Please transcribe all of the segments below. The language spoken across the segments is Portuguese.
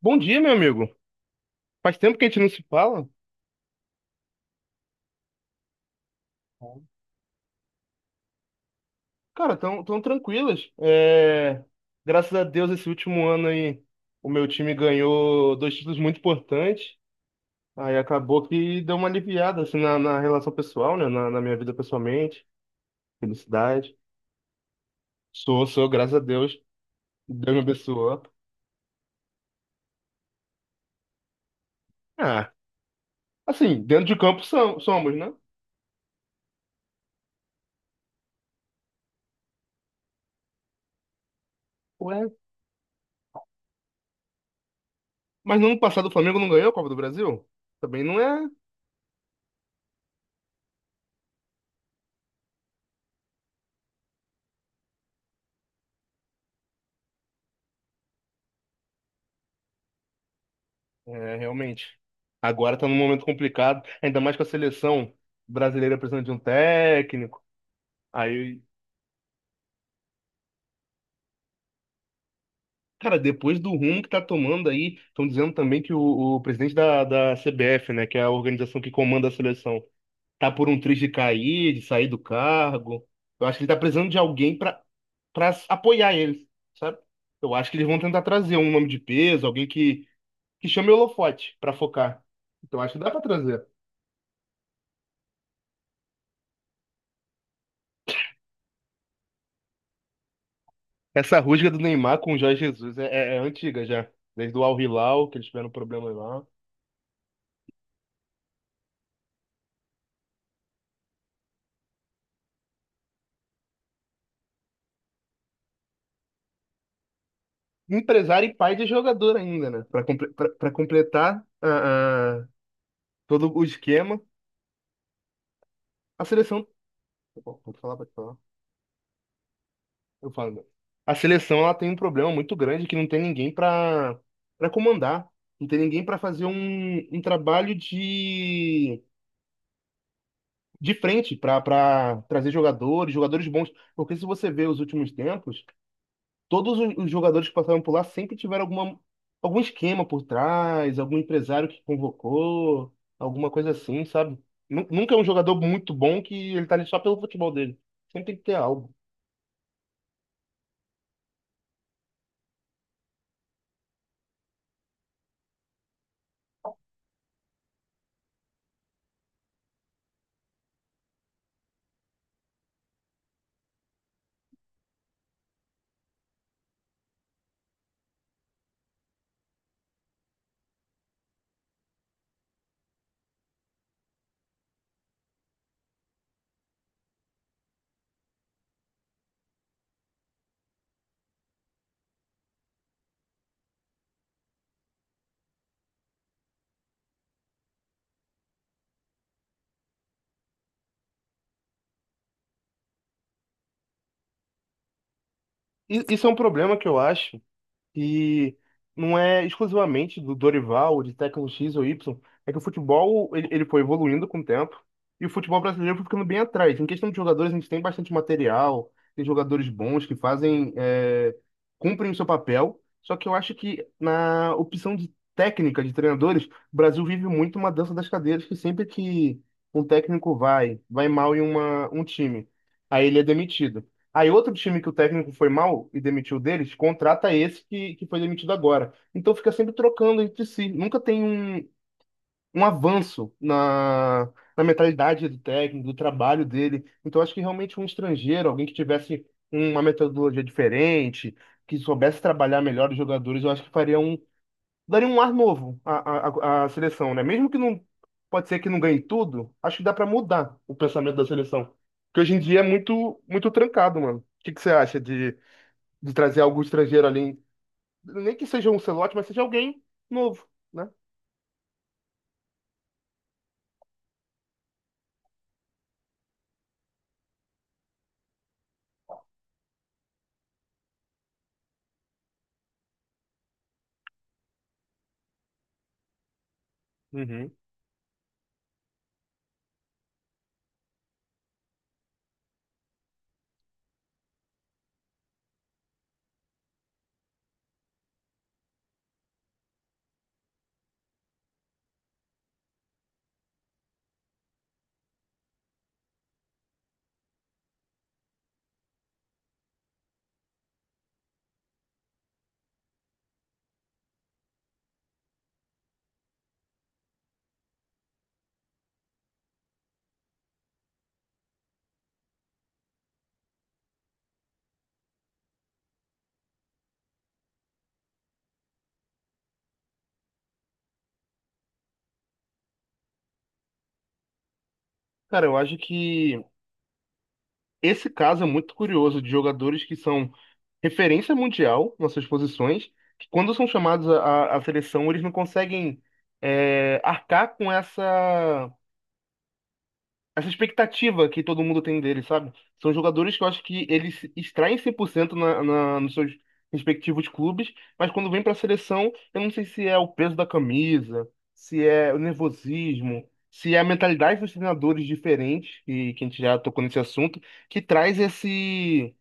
Bom dia, meu amigo. Faz tempo que a gente não se fala. Cara, tão tranquilas. Graças a Deus, esse último ano aí, o meu time ganhou dois títulos muito importantes. Aí acabou que deu uma aliviada assim, na relação pessoal, né? Na minha vida pessoalmente. Felicidade. Sou, graças a Deus. Deus me abençoou. Ah, assim, dentro de campo somos, né? Ué. Mas no ano passado o Flamengo não ganhou a Copa do Brasil? Também não é. É, realmente. Agora tá num momento complicado, ainda mais com a seleção brasileira precisando de um técnico. Aí, cara, depois do rumo que tá tomando aí, estão dizendo também que o presidente da CBF, né, que é a organização que comanda a seleção, tá por um triz de cair, de sair do cargo. Eu acho que ele tá precisando de alguém pra para apoiar ele, sabe? Eu acho que eles vão tentar trazer um nome de peso, alguém que chame o holofote pra focar. Então acho que dá pra trazer. Essa rusga do Neymar com o Jorge Jesus é antiga já. Desde o Al Hilal, que eles tiveram problema lá. Empresário e pai de jogador ainda, né? Pra completar todo o esquema, a seleção. Tá bom, pode falar. Eu falo, né? A seleção, ela tem um problema muito grande, que não tem ninguém pra para comandar. Não tem ninguém pra fazer um trabalho de frente, pra para trazer jogadores, jogadores bons. Porque se você vê os últimos tempos, todos os jogadores que passaram por lá sempre tiveram algum esquema por trás, algum empresário que convocou, alguma coisa assim, sabe? Nunca é um jogador muito bom que ele tá ali só pelo futebol dele. Sempre tem que ter algo. Isso é um problema que eu acho que não é exclusivamente do Dorival, de técnico X ou Y. É que o futebol ele, ele foi evoluindo com o tempo e o futebol brasileiro foi ficando bem atrás. Em questão de jogadores, a gente tem bastante material, tem jogadores bons que fazem, cumprem o seu papel. Só que eu acho que na opção de técnica de treinadores, o Brasil vive muito uma dança das cadeiras, que sempre que um técnico vai mal em uma, um time, aí ele é demitido. Aí outro time que o técnico foi mal e demitiu deles, contrata esse que foi demitido agora. Então fica sempre trocando entre si. Nunca tem um, um avanço na mentalidade do técnico, do trabalho dele. Então acho que realmente um estrangeiro, alguém que tivesse uma metodologia diferente, que soubesse trabalhar melhor os jogadores, eu acho que faria um, daria um ar novo à seleção, né? Mesmo que não, pode ser que não ganhe tudo, acho que dá pra mudar o pensamento da seleção. Que hoje em dia é muito muito trancado, mano. O que que você acha de trazer algum estrangeiro ali? Nem que seja um Ancelotti, mas seja alguém novo, né? Uhum. Cara, eu acho que esse caso é muito curioso, de jogadores que são referência mundial nas suas posições, que quando são chamados à seleção, eles não conseguem arcar com essa expectativa que todo mundo tem dele, sabe? São jogadores que eu acho que eles extraem 100% nos seus respectivos clubes, mas quando vem para a seleção, eu não sei se é o peso da camisa, se é o nervosismo, se é a mentalidade dos treinadores diferentes, e que a gente já tocou nesse assunto, que traz esse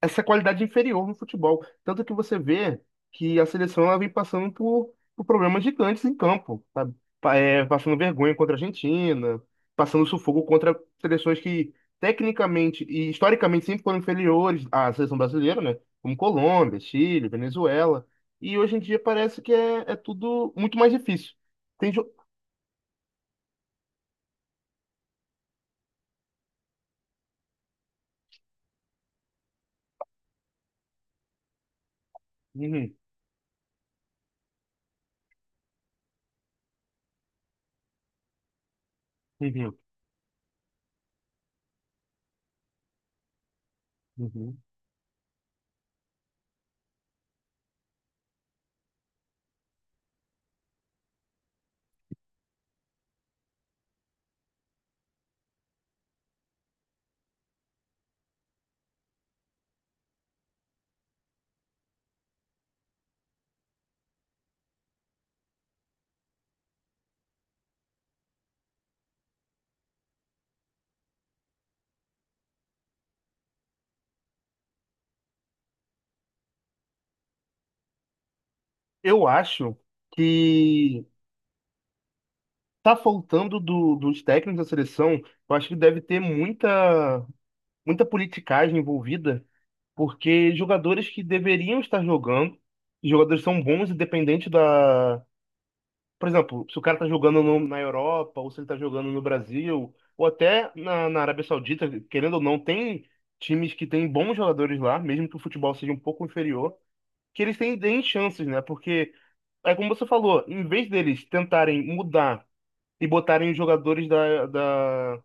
essa qualidade inferior no futebol. Tanto que você vê que a seleção, ela vem passando por problemas gigantes em campo, sabe? Passando vergonha contra a Argentina, passando sufoco contra seleções que tecnicamente e historicamente sempre foram inferiores à seleção brasileira, né? Como Colômbia, Chile, Venezuela. E hoje em dia parece que é tudo muito mais difícil. Tem jo- Uhum, uhum, uhum. Eu acho que tá faltando dos técnicos da seleção. Eu acho que deve ter muita politicagem envolvida, porque jogadores que deveriam estar jogando, e jogadores são bons independente da. Por exemplo, se o cara tá jogando na Europa, ou se ele tá jogando no Brasil, ou até na Arábia Saudita, querendo ou não, tem times que têm bons jogadores lá, mesmo que o futebol seja um pouco inferior, que eles têm, têm chances, né? Porque é como você falou, em vez deles tentarem mudar e botarem os jogadores da, da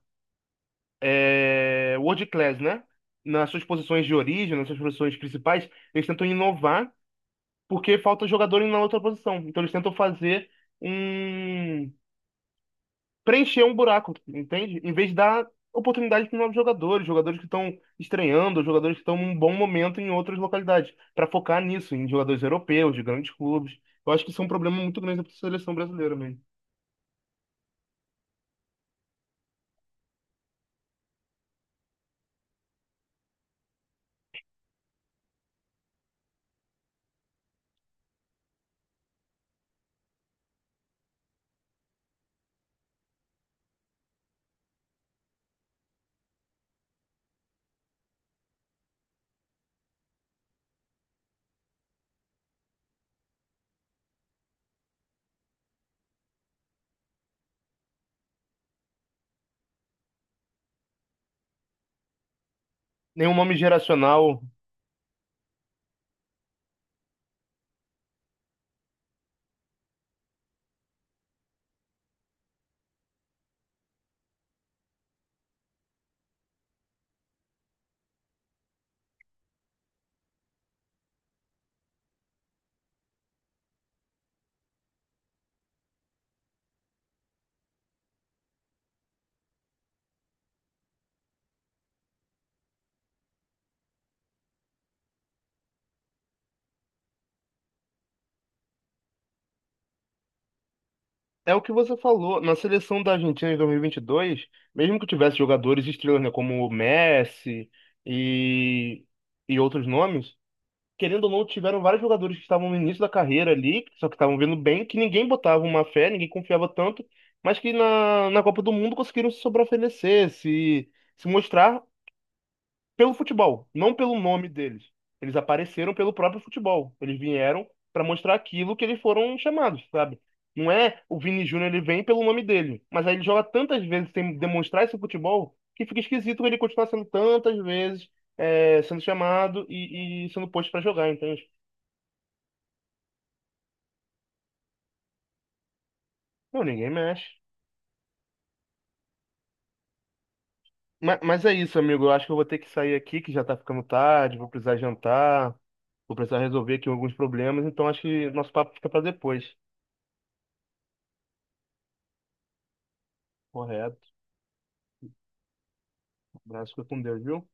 é, World Class, né? Nas suas posições de origem, nas suas posições principais, eles tentam inovar, porque falta jogador na outra posição. Então eles tentam fazer um... preencher um buraco, entende? Em vez de dar oportunidade para novos jogadores, jogadores que estão estreando, jogadores que estão num bom momento em outras localidades, para focar nisso, em jogadores europeus, de grandes clubes. Eu acho que isso é um problema muito grande para a seleção brasileira mesmo. Nenhum nome geracional. É o que você falou. Na seleção da Argentina em 2022, mesmo que tivesse jogadores estrelas, né, como o Messi e, e outros nomes, querendo ou não, tiveram vários jogadores que estavam no início da carreira ali, só que estavam vindo bem, que ninguém botava uma fé, ninguém confiava tanto, mas que na Copa do Mundo conseguiram se sobreoferecer, se mostrar pelo futebol, não pelo nome deles. Eles apareceram pelo próprio futebol. Eles vieram para mostrar aquilo que eles foram chamados, sabe? Não é o Vini Júnior, ele vem pelo nome dele. Mas aí ele joga tantas vezes sem demonstrar esse futebol, que fica esquisito ele continuar sendo tantas vezes sendo chamado e sendo posto para jogar. Então, não, ninguém mexe. Mas é isso, amigo. Eu acho que eu vou ter que sair aqui, que já tá ficando tarde. Vou precisar jantar. Vou precisar resolver aqui alguns problemas. Então, acho que nosso papo fica para depois. Correto. Um abraço, fica com Deus, viu?